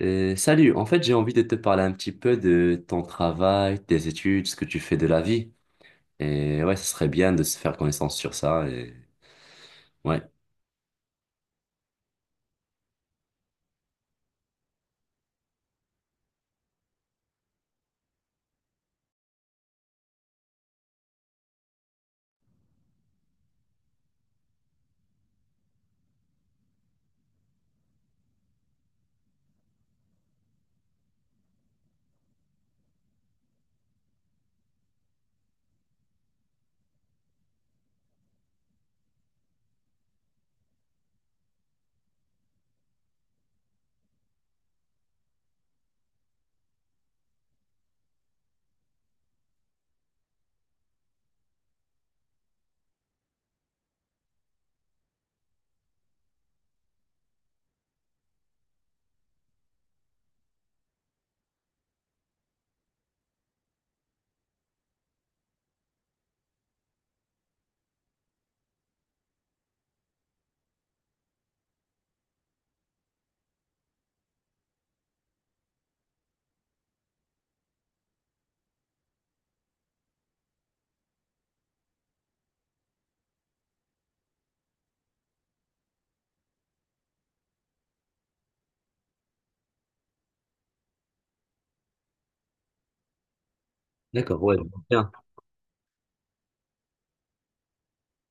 Salut, j'ai envie de te parler un petit peu de ton travail, tes études, ce que tu fais de la vie. Et ouais, ce serait bien de se faire connaissance sur ça. Ouais. D'accord, ouais, bien.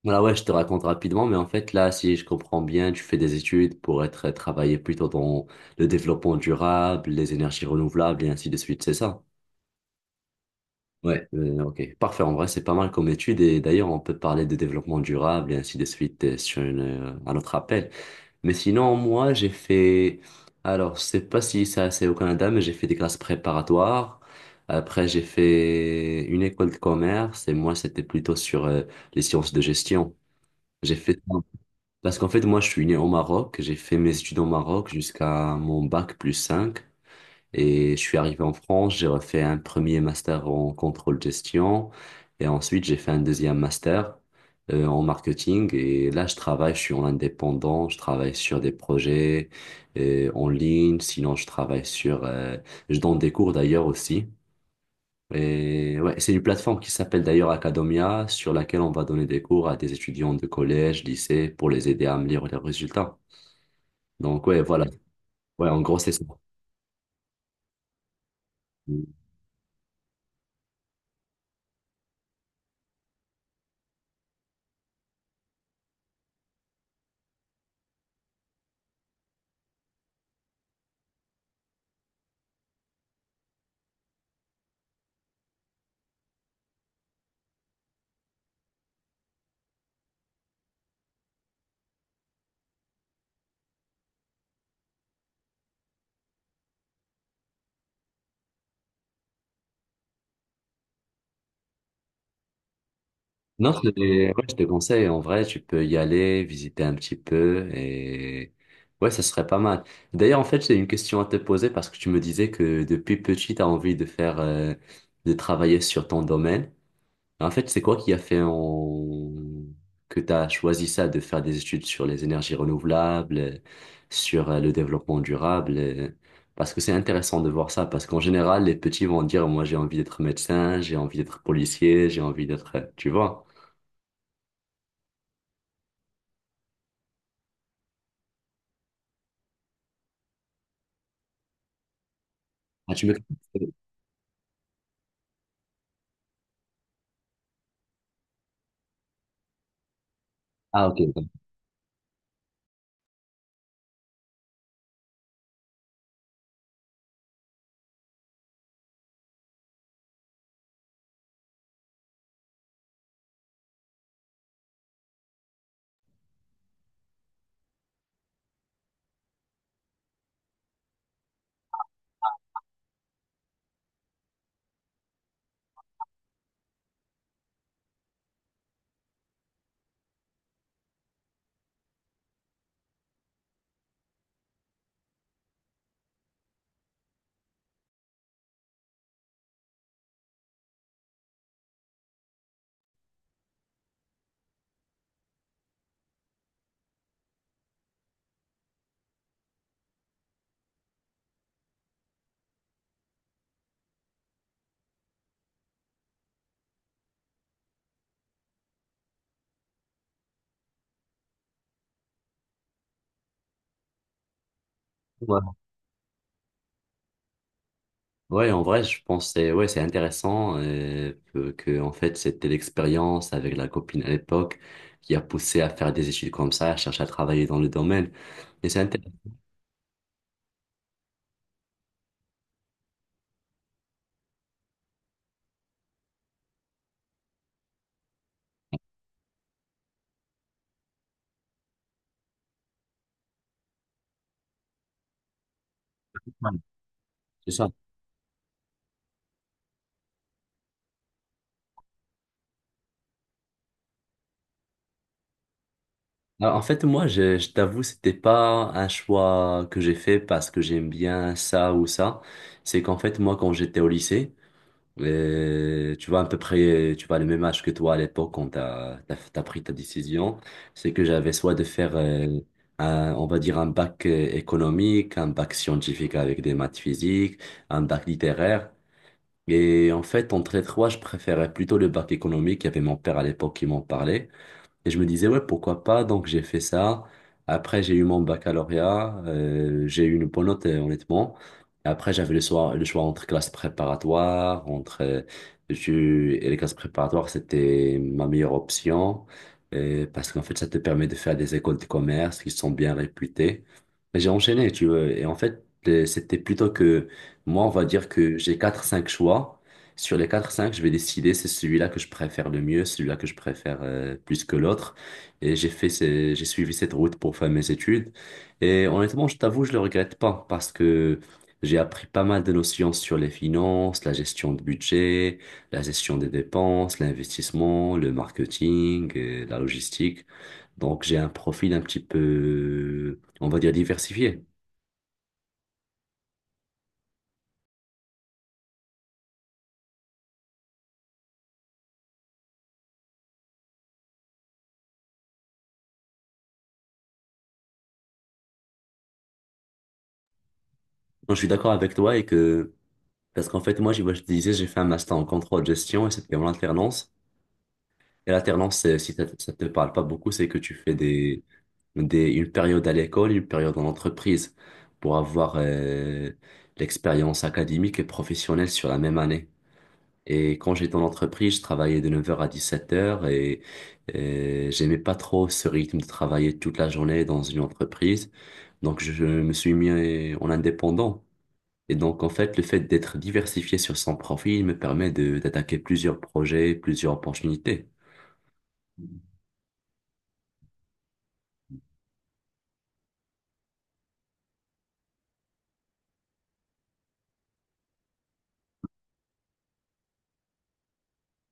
Voilà, ouais, je te raconte rapidement, mais en fait, là, si je comprends bien, tu fais des études pour être travailler plutôt dans le développement durable, les énergies renouvelables et ainsi de suite, c'est ça? Ouais, ok, parfait. En vrai, c'est pas mal comme étude et d'ailleurs, on peut parler de développement durable et ainsi de suite sur un autre appel. Mais sinon, moi, j'ai fait... Alors, je sais pas si ça, c'est au Canada, mais j'ai fait des classes préparatoires. Après, j'ai fait une école de commerce et moi, c'était plutôt sur les sciences de gestion. J'ai fait... ça Parce qu'en fait, moi, je suis né au Maroc. J'ai fait mes études au Maroc jusqu'à mon bac plus 5 et je suis arrivé en France, j'ai refait un premier master en contrôle gestion et ensuite j'ai fait un deuxième master en marketing. Et là, je travaille, je suis en indépendant, je travaille sur des projets en ligne, sinon je travaille je donne des cours d'ailleurs aussi. Et ouais, c'est une plateforme qui s'appelle d'ailleurs Academia, sur laquelle on va donner des cours à des étudiants de collège, lycée, pour les aider à améliorer leurs résultats. Donc ouais, voilà. Ouais, en gros, c'est ça. Non, c'est- ouais, je te conseille, en vrai, tu peux y aller, visiter un petit peu et ouais, ça serait pas mal. D'ailleurs, en fait, j'ai une question à te poser parce que tu me disais que depuis petit, tu as envie de faire, de travailler sur ton domaine. En fait, c'est quoi qui a fait en... que tu as choisi ça, de faire des études sur les énergies renouvelables, sur le développement durable, parce que c'est intéressant de voir ça, parce qu'en général, les petits vont dire, moi, j'ai envie d'être médecin, j'ai envie d'être policier, j'ai envie d'être, tu vois. Ah, tu me... Ah, ok. Ok. Ouais. Ouais, en vrai, je pense que c'est intéressant en fait, c'était l'expérience avec la copine à l'époque qui a poussé à faire des études comme ça, à chercher à travailler dans le domaine. Et c'est intéressant. C'est ça. Alors, en fait, moi, je t'avoue, c'était pas un choix que j'ai fait parce que j'aime bien ça ou ça. C'est qu'en fait, moi, quand j'étais au lycée, et tu vois, à peu près, tu vois, le même âge que toi à l'époque quand t'as pris ta décision, c'est que j'avais soit de faire, on va dire, un bac économique, un bac scientifique avec des maths physiques, un bac littéraire. Et en fait, entre les trois, je préférais plutôt le bac économique. Il y avait mon père à l'époque qui m'en parlait. Et je me disais, ouais, pourquoi pas? Donc, j'ai fait ça. Après, j'ai eu mon baccalauréat. J'ai eu une bonne note, honnêtement. Après, j'avais le choix entre classes préparatoires, et les classes préparatoires, c'était ma meilleure option. Parce qu'en fait, ça te permet de faire des écoles de commerce qui sont bien réputées. Et j'ai enchaîné, tu vois. Et en fait, c'était plutôt que, moi, on va dire que j'ai quatre, cinq choix. Sur les quatre cinq, je vais décider c'est celui-là que je préfère le mieux, celui-là que je préfère plus que l'autre. Et j'ai suivi cette route pour faire mes études. Et honnêtement, je t'avoue, je le regrette pas parce que j'ai appris pas mal de notions sur les finances, la gestion de budget, la gestion des dépenses, l'investissement, le marketing, la logistique. Donc j'ai un profil un petit peu, on va dire, diversifié. Donc, je suis d'accord avec toi et que. Parce qu'en fait, moi, je te disais, j'ai fait un master en contrôle de gestion et c'était en alternance. Et l'alternance, c'est- si ça ça te parle pas beaucoup, c'est que tu fais une période à l'école, une période en entreprise pour avoir l'expérience académique et professionnelle sur la même année. Et quand j'étais en entreprise, je travaillais de 9h à 17h et, j'aimais pas trop ce rythme de travailler toute la journée dans une entreprise. Donc, je me suis mis en indépendant. Et donc, en fait, le fait d'être diversifié sur son profil me permet de d'attaquer plusieurs projets, plusieurs opportunités.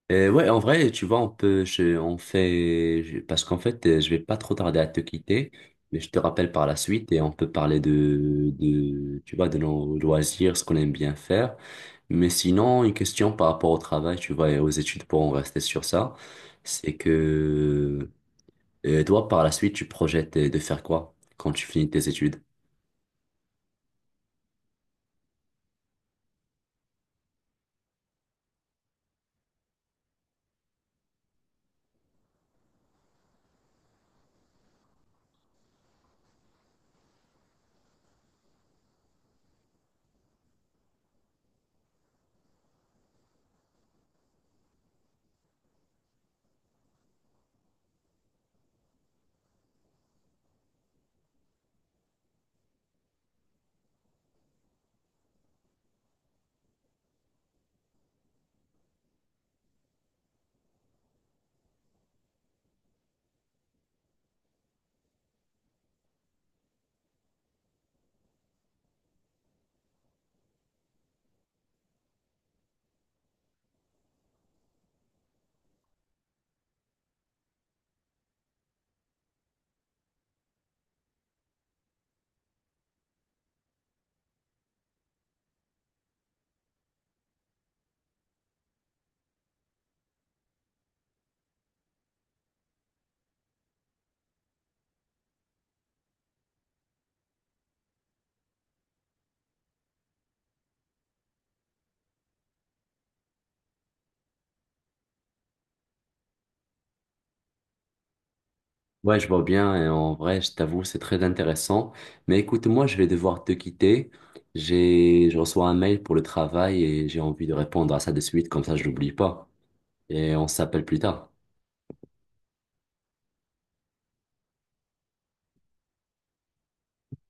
Et ouais, en vrai, tu vois, on peut, je, on fait, je- parce qu'en fait, je vais pas trop tarder à te quitter, mais je te rappelle par la suite et on peut parler tu vois, de nos loisirs, ce qu'on aime bien faire. Mais sinon, une question par rapport au travail, tu vois, et aux études pour en rester sur ça, c'est que, toi, par la suite, tu projettes de faire quoi quand tu finis tes études? Ouais, je vois bien, et en vrai, je t'avoue, c'est très intéressant. Mais écoute, moi, je vais devoir te quitter. Je reçois un mail pour le travail et j'ai envie de répondre à ça de suite, comme ça, je l'oublie pas. Et on s'appelle plus tard.